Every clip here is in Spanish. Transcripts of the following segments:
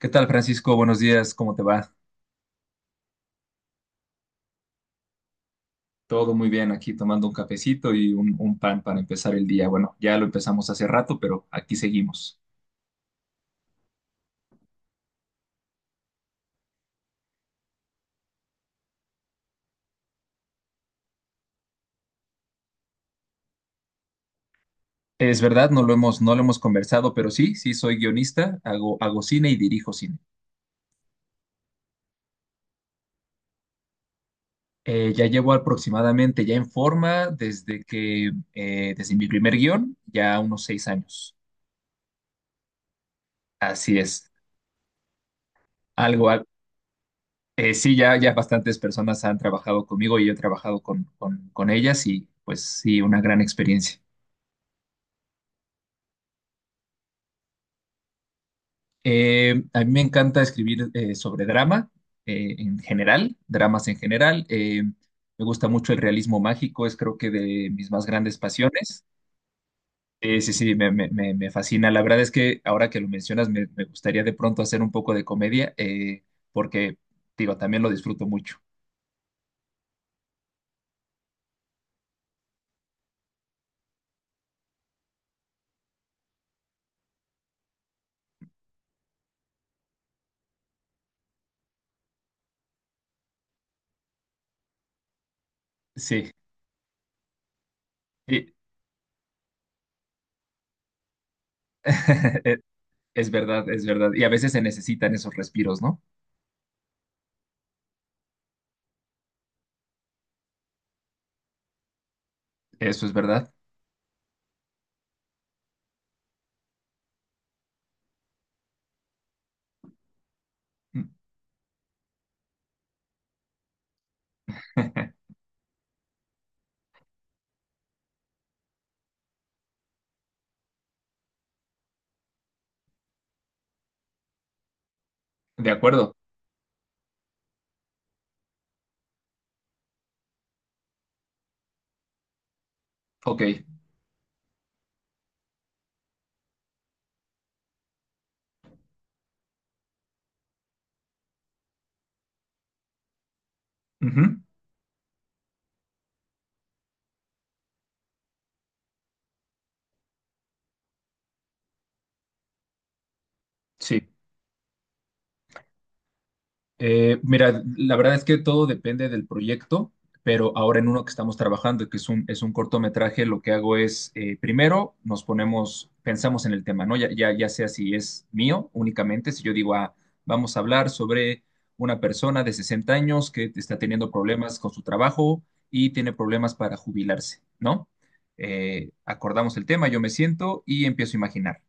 ¿Qué tal, Francisco? Buenos días, ¿cómo te va? Todo muy bien aquí, tomando un cafecito y un pan para empezar el día. Bueno, ya lo empezamos hace rato, pero aquí seguimos. Es verdad, no lo hemos conversado, pero sí, sí soy guionista, hago cine y dirijo cine. Ya llevo aproximadamente, ya en forma, desde mi primer guión, ya unos 6 años. Así es, algo, al- sí, ya bastantes personas han trabajado conmigo y yo he trabajado con ellas y pues sí, una gran experiencia. A mí me encanta escribir sobre drama en general, dramas en general. Me gusta mucho el realismo mágico, es creo que de mis más grandes pasiones. Sí, sí, me fascina. La verdad es que ahora que lo mencionas, me gustaría de pronto hacer un poco de comedia, porque, digo, también lo disfruto mucho. Sí, y- es verdad, es verdad. Y a veces se necesitan esos respiros, ¿no? Eso es verdad. De acuerdo. Ok. Ujú. Sí. Mira, la verdad es que todo depende del proyecto, pero ahora en uno que estamos trabajando, que es es un cortometraje, lo que hago es, primero nos ponemos, pensamos en el tema, ¿no? Ya sea si es mío únicamente, si yo digo, ah, vamos a hablar sobre una persona de 60 años que está teniendo problemas con su trabajo y tiene problemas para jubilarse, ¿no? Acordamos el tema, yo me siento y empiezo a imaginar.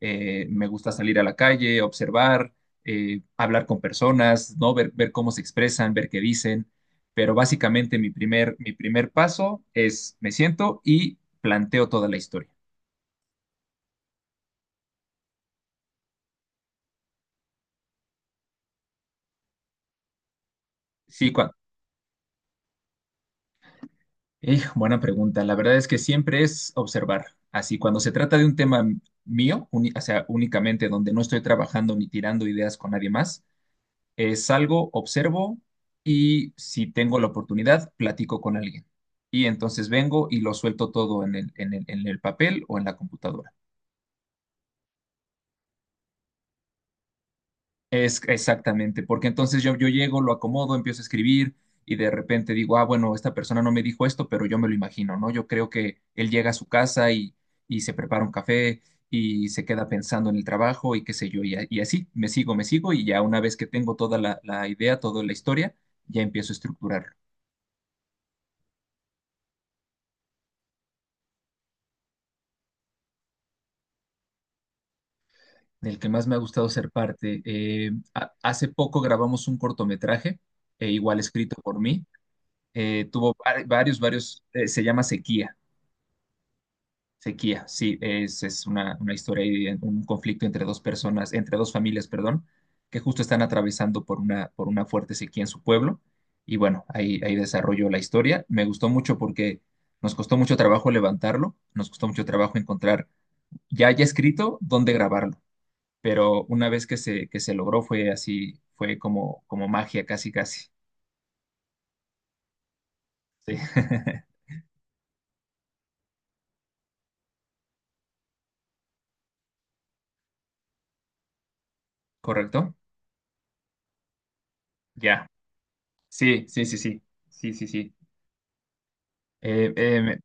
Me gusta salir a la calle, observar hablar con personas, ¿no? Ver cómo se expresan, ver qué dicen. Pero básicamente mi primer paso es me siento y planteo toda la historia. Sí, cua- buena pregunta. La verdad es que siempre es observar. Así, cuando se trata de un tema mío, o sea, únicamente donde no estoy trabajando ni tirando ideas con nadie más, salgo, observo y si tengo la oportunidad, platico con alguien. Y entonces vengo y lo suelto todo en el papel o en la computadora. Es exactamente, porque entonces yo llego, lo acomodo, empiezo a escribir y de repente digo, ah, bueno, esta persona no me dijo esto, pero yo me lo imagino, ¿no? Yo creo que él llega a su casa y se prepara un café y se queda pensando en el trabajo y qué sé yo, y así me sigo y ya una vez que tengo toda la idea, toda la historia, ya empiezo a estructurarlo. Del que más me ha gustado ser parte, hace poco grabamos un cortometraje, igual escrito por mí, varios, se llama Sequía. Sequía, sí, es una historia y un conflicto entre dos personas, entre dos familias, perdón, que justo están atravesando por una fuerte sequía en su pueblo. Y bueno, ahí, ahí desarrolló la historia. Me gustó mucho porque nos costó mucho trabajo levantarlo, nos costó mucho trabajo encontrar ya ya escrito dónde grabarlo, pero una vez que que se logró fue así, fue como, como magia, casi, casi. Sí. ¿Correcto? Ya. Sí, sí, sí, sí. Sí, sí, sí. Eh, eh,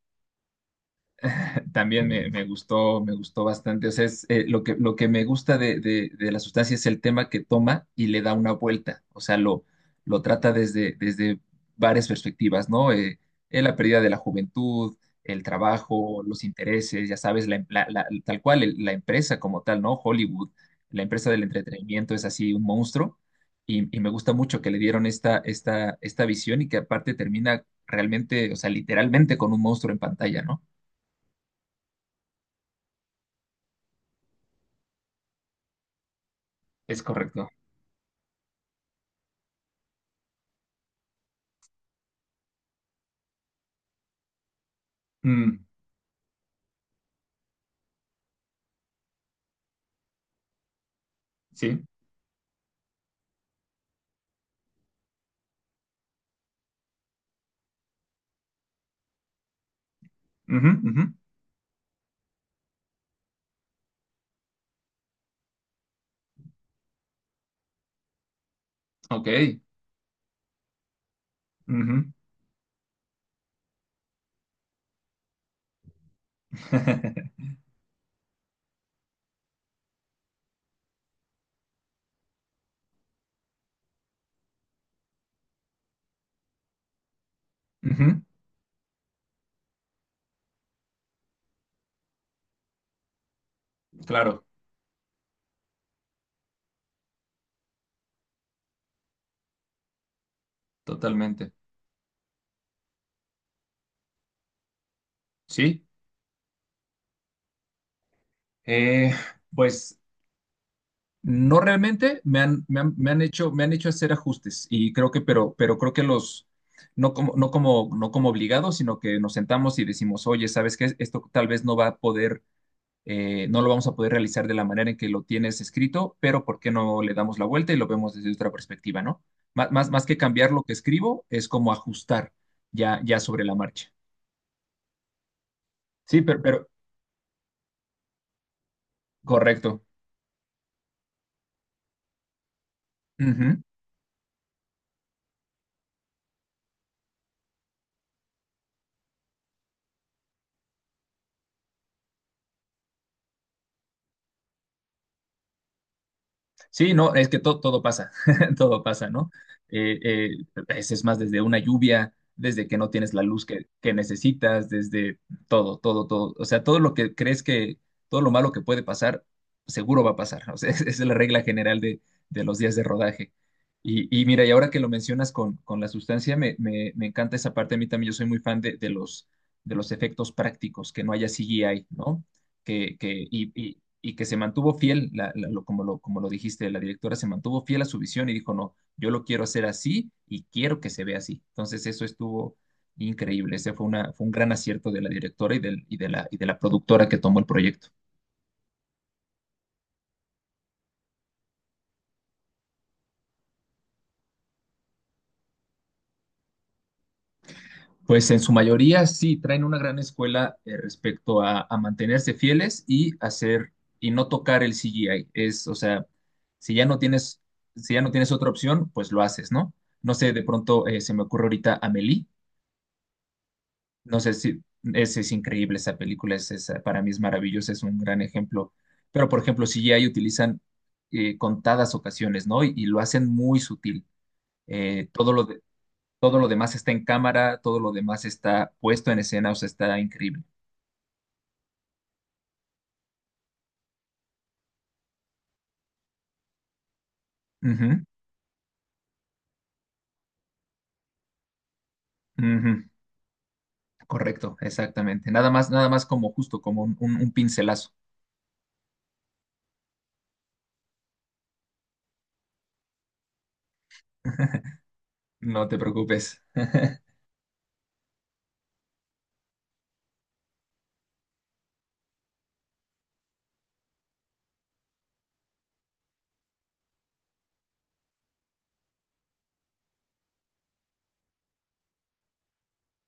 también me gustó bastante. O sea, es, lo que me gusta de la sustancia es el tema que toma y le da una vuelta. O sea, lo trata desde, desde varias perspectivas, ¿no? La pérdida de la juventud, el trabajo, los intereses, ya sabes, la, em- la- la- tal cual, la empresa como tal, ¿no? Hollywood, la empresa del entretenimiento es así un monstruo. Y me gusta mucho que le dieron esta visión y que aparte termina realmente, o sea, literalmente con un monstruo en pantalla, ¿no? Es correcto. Mm, sí. Ujú, ujú. Ok. Ujú. Ujú, claro, totalmente. Sí. Eh, pues no realmente me han hecho hacer ajustes y creo que, pero creo que los, no como obligados, sino que nos sentamos y decimos, oye, ¿sabes qué? Esto tal vez no va a poder no lo vamos a poder realizar de la manera en que lo tienes escrito, pero ¿por qué no le damos la vuelta y lo vemos desde otra perspectiva, ¿no? Más que cambiar lo que escribo, es como ajustar ya, ya sobre la marcha. Sí, pero correcto. Ujú. Sí, no, es que todo pasa, todo pasa, ¿no? Eh, eh, es más, desde una lluvia, desde que no tienes la luz que necesitas, desde todo, todo, todo. O sea, todo lo que crees que, todo lo malo que puede pasar, seguro va a pasar. O sea, esa es la regla general de los días de rodaje. Y mira, y ahora que lo mencionas con la sustancia, me encanta esa parte. A mí también yo soy muy fan de los efectos prácticos, que no haya CGI, ¿no? Y que se mantuvo fiel, como lo dijiste, la directora se mantuvo fiel a su visión y dijo, no, yo lo quiero hacer así y quiero que se vea así. Entonces eso estuvo increíble, fue un gran acierto de la directora y de la productora que tomó el proyecto. Pues en su mayoría sí traen una gran escuela respecto a mantenerse fieles y hacer y no tocar el CGI. Es, o sea, si ya no tienes, si ya no tienes otra opción, pues lo haces, ¿no? No sé, de pronto se me ocurre ahorita Amélie. No sé si es, es- increíble esa película, es, para mí es maravillosa, es un gran ejemplo. Pero, por ejemplo, CGI utilizan contadas ocasiones, ¿no? Y lo hacen muy sutil. Eh, todo lo de- todo lo demás está en cámara, todo lo demás está puesto en escena, o sea, está increíble. Ujú, ujú, Correcto, exactamente. Nada más como justo, como un pincelazo. No te preocupes.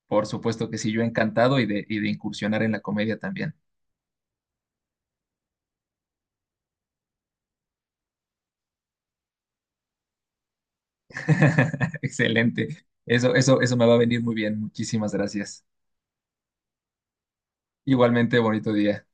Por supuesto que sí, yo encantado y de incursionar en la comedia también. Excelente. Eso me va a venir muy bien. Muchísimas gracias. Igualmente, bonito día.